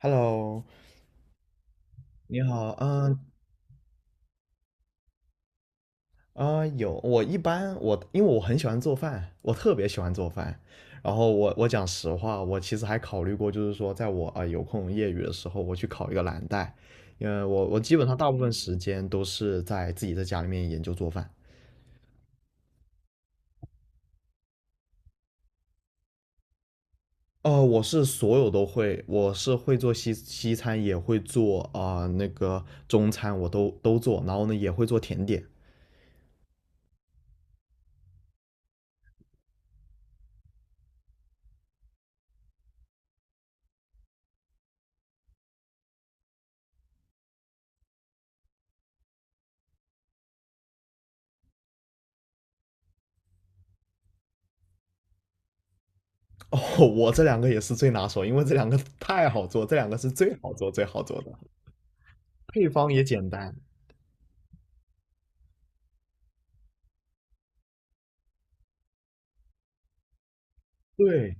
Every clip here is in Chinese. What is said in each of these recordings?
Hello,你好。有我一般我因为我很喜欢做饭，我特别喜欢做饭。然后我讲实话，我其实还考虑过，就是说，在我有空业余的时候，我去考一个蓝带，因为我基本上大部分时间都是在自己在家里面研究做饭。呃，我是所有都会，我是会做西餐，也会做那个中餐，我都做，然后呢也会做甜点。我这两个也是最拿手，因为这两个太好做，这两个是最好做的，配方也简单。对，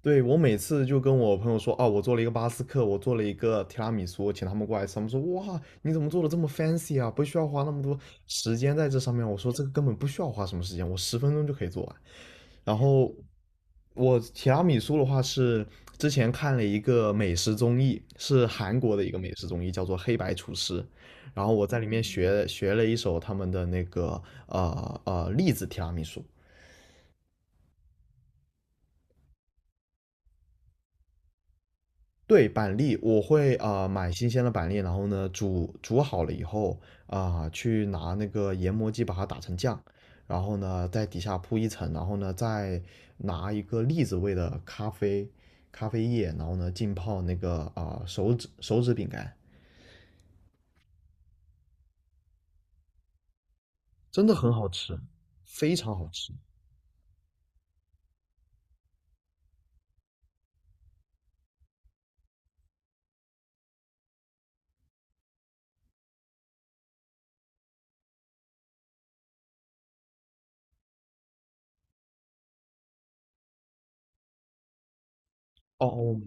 对,我每次就跟我朋友说，哦，我做了一个巴斯克，我做了一个提拉米苏，请他们过来吃。他们说，哇，你怎么做的这么 fancy 啊？不需要花那么多时间在这上面。我说，这个根本不需要花什么时间，我十分钟就可以做完。然后我提拉米苏的话是之前看了一个美食综艺，是韩国的一个美食综艺，叫做《黑白厨师》。然后我在里面学了一手他们的那个栗子提拉米苏。对，板栗我会买新鲜的板栗，然后呢煮好了以后，去拿那个研磨机把它打成酱，然后呢在底下铺一层，然后呢再拿一个栗子味的咖啡液，然后呢浸泡那个手指饼干，真的很好吃，非常好吃。哦，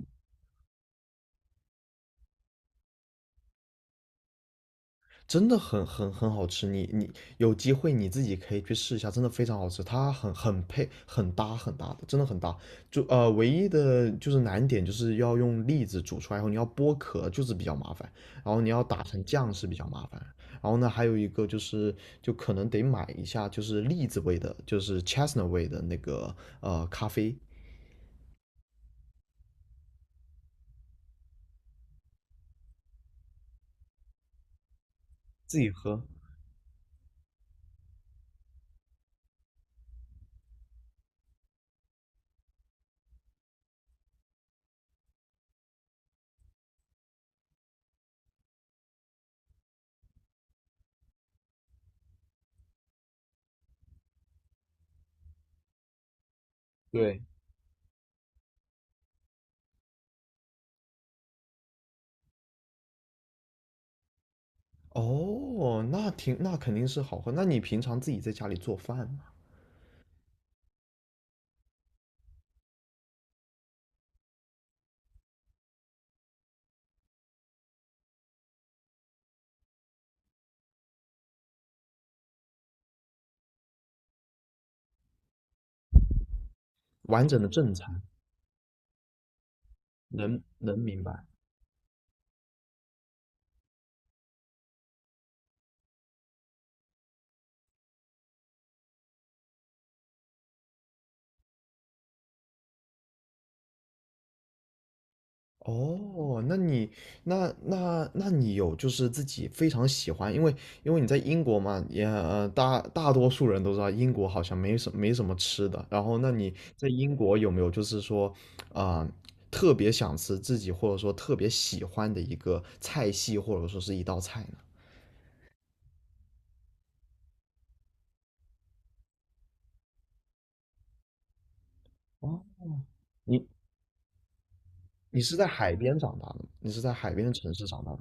真的很好吃，你有机会你自己可以去试一下，真的非常好吃，它很配，很搭的，真的很搭。唯一的就是难点就是要用栗子煮出来后，你要剥壳就是比较麻烦，然后你要打成酱是比较麻烦。然后呢，还有一个就是就可能得买一下就是栗子味的，就是 chestnut 味的那个呃咖啡。自己喝。对，哦，那挺那肯定是好喝。那你平常自己在家里做饭吗？完整的正餐。能明白。哦，那你那你有就是自己非常喜欢，因为因为你在英国嘛，也呃大大多数人都知道英国好像没什么吃的。然后，那你在英国有没有就是说啊、特别想吃自己或者说特别喜欢的一个菜系或者说是一道菜呢？哦，你你是在海边长大的吗？你是在海边的城市长大的。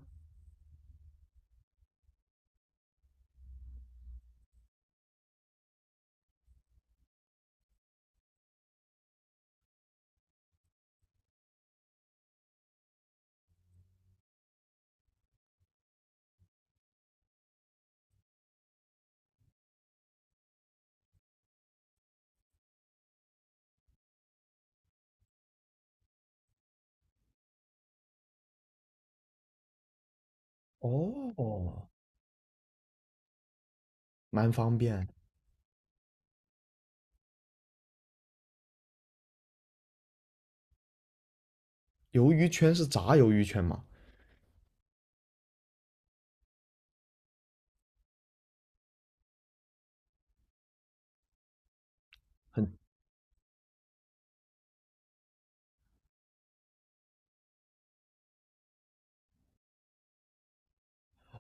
哦，蛮方便。鱿鱼圈是炸鱿鱼圈吗？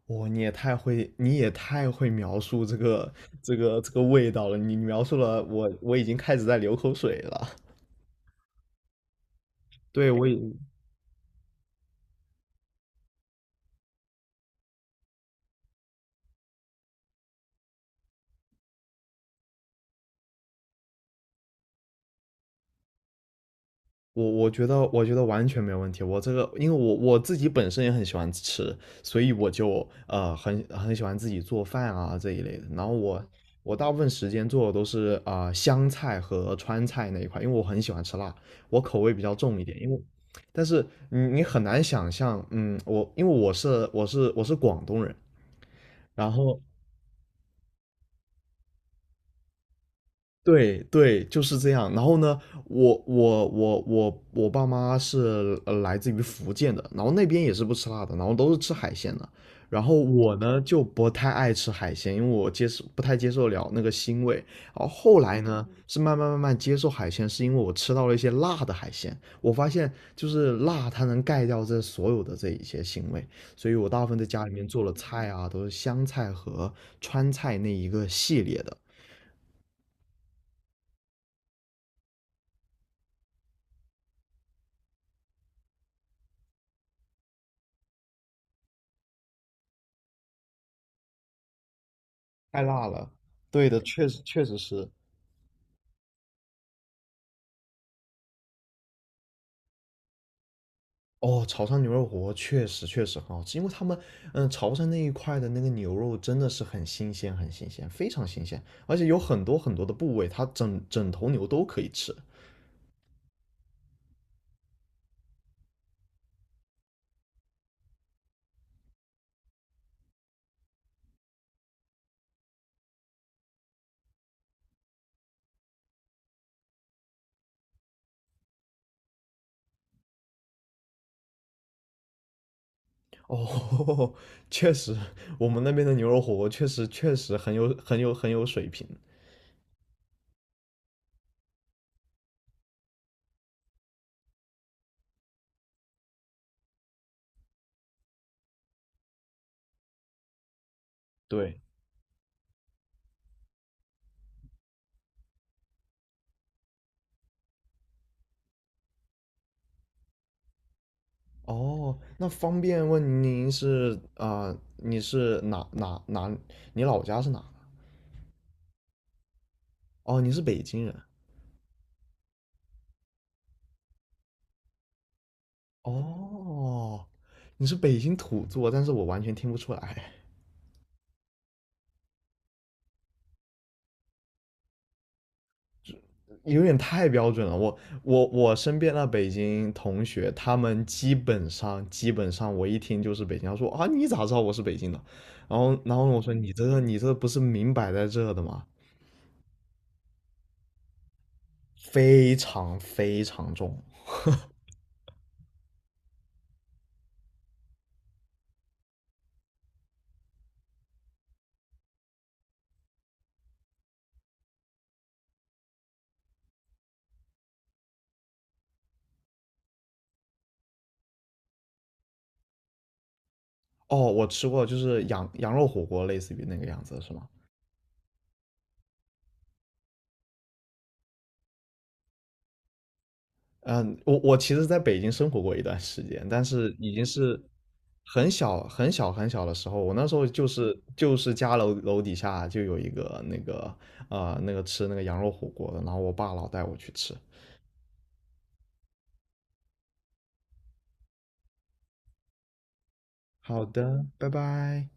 哇，你也太会描述这个味道了。你描述了我，我已经开始在流口水了。对，我已我觉得我觉得完全没有问题。我这个因为我我自己本身也很喜欢吃，所以我就很喜欢自己做饭啊这一类的。然后我大部分时间做的都是湘菜和川菜那一块，因为我很喜欢吃辣，我口味比较重一点，因为。但是你很难想象，嗯，我因为我是广东人，然后对对，就是这样。然后呢，我我爸妈是呃来自于福建的，然后那边也是不吃辣的，然后都是吃海鲜的。然后我呢就不太爱吃海鲜，因为我接受不太接受了那个腥味。然后后来呢是慢慢接受海鲜，是因为我吃到了一些辣的海鲜，我发现就是辣它能盖掉这所有的这一些腥味，所以我大部分在家里面做了菜啊，都是湘菜和川菜那一个系列的。太辣了。对的，确实是。哦，潮汕牛肉火锅确实很好吃，因为他们嗯潮汕那一块的那个牛肉真的是很新鲜，非常新鲜，而且有很多的部位，它整整头牛都可以吃。哦，确实，我们那边的牛肉火锅确实很有水平。对，哦，那方便问您是你是哪？你老家是哪？哦，你是北京人。哦，你是北京土著，但是我完全听不出来，有点太标准了。我我身边的北京同学，他们基本上，我一听就是北京，他说啊，你咋知道我是北京的？然后我说你这个你这不是明摆在这的吗？非常非常重。哦，我吃过，就是羊肉火锅，类似于那个样子，是吗？嗯，我其实在北京生活过一段时间，但是已经是很小的时候。我那时候就是家楼底下就有一个那个那个吃那个羊肉火锅的，然后我爸老带我去吃。好的，拜拜。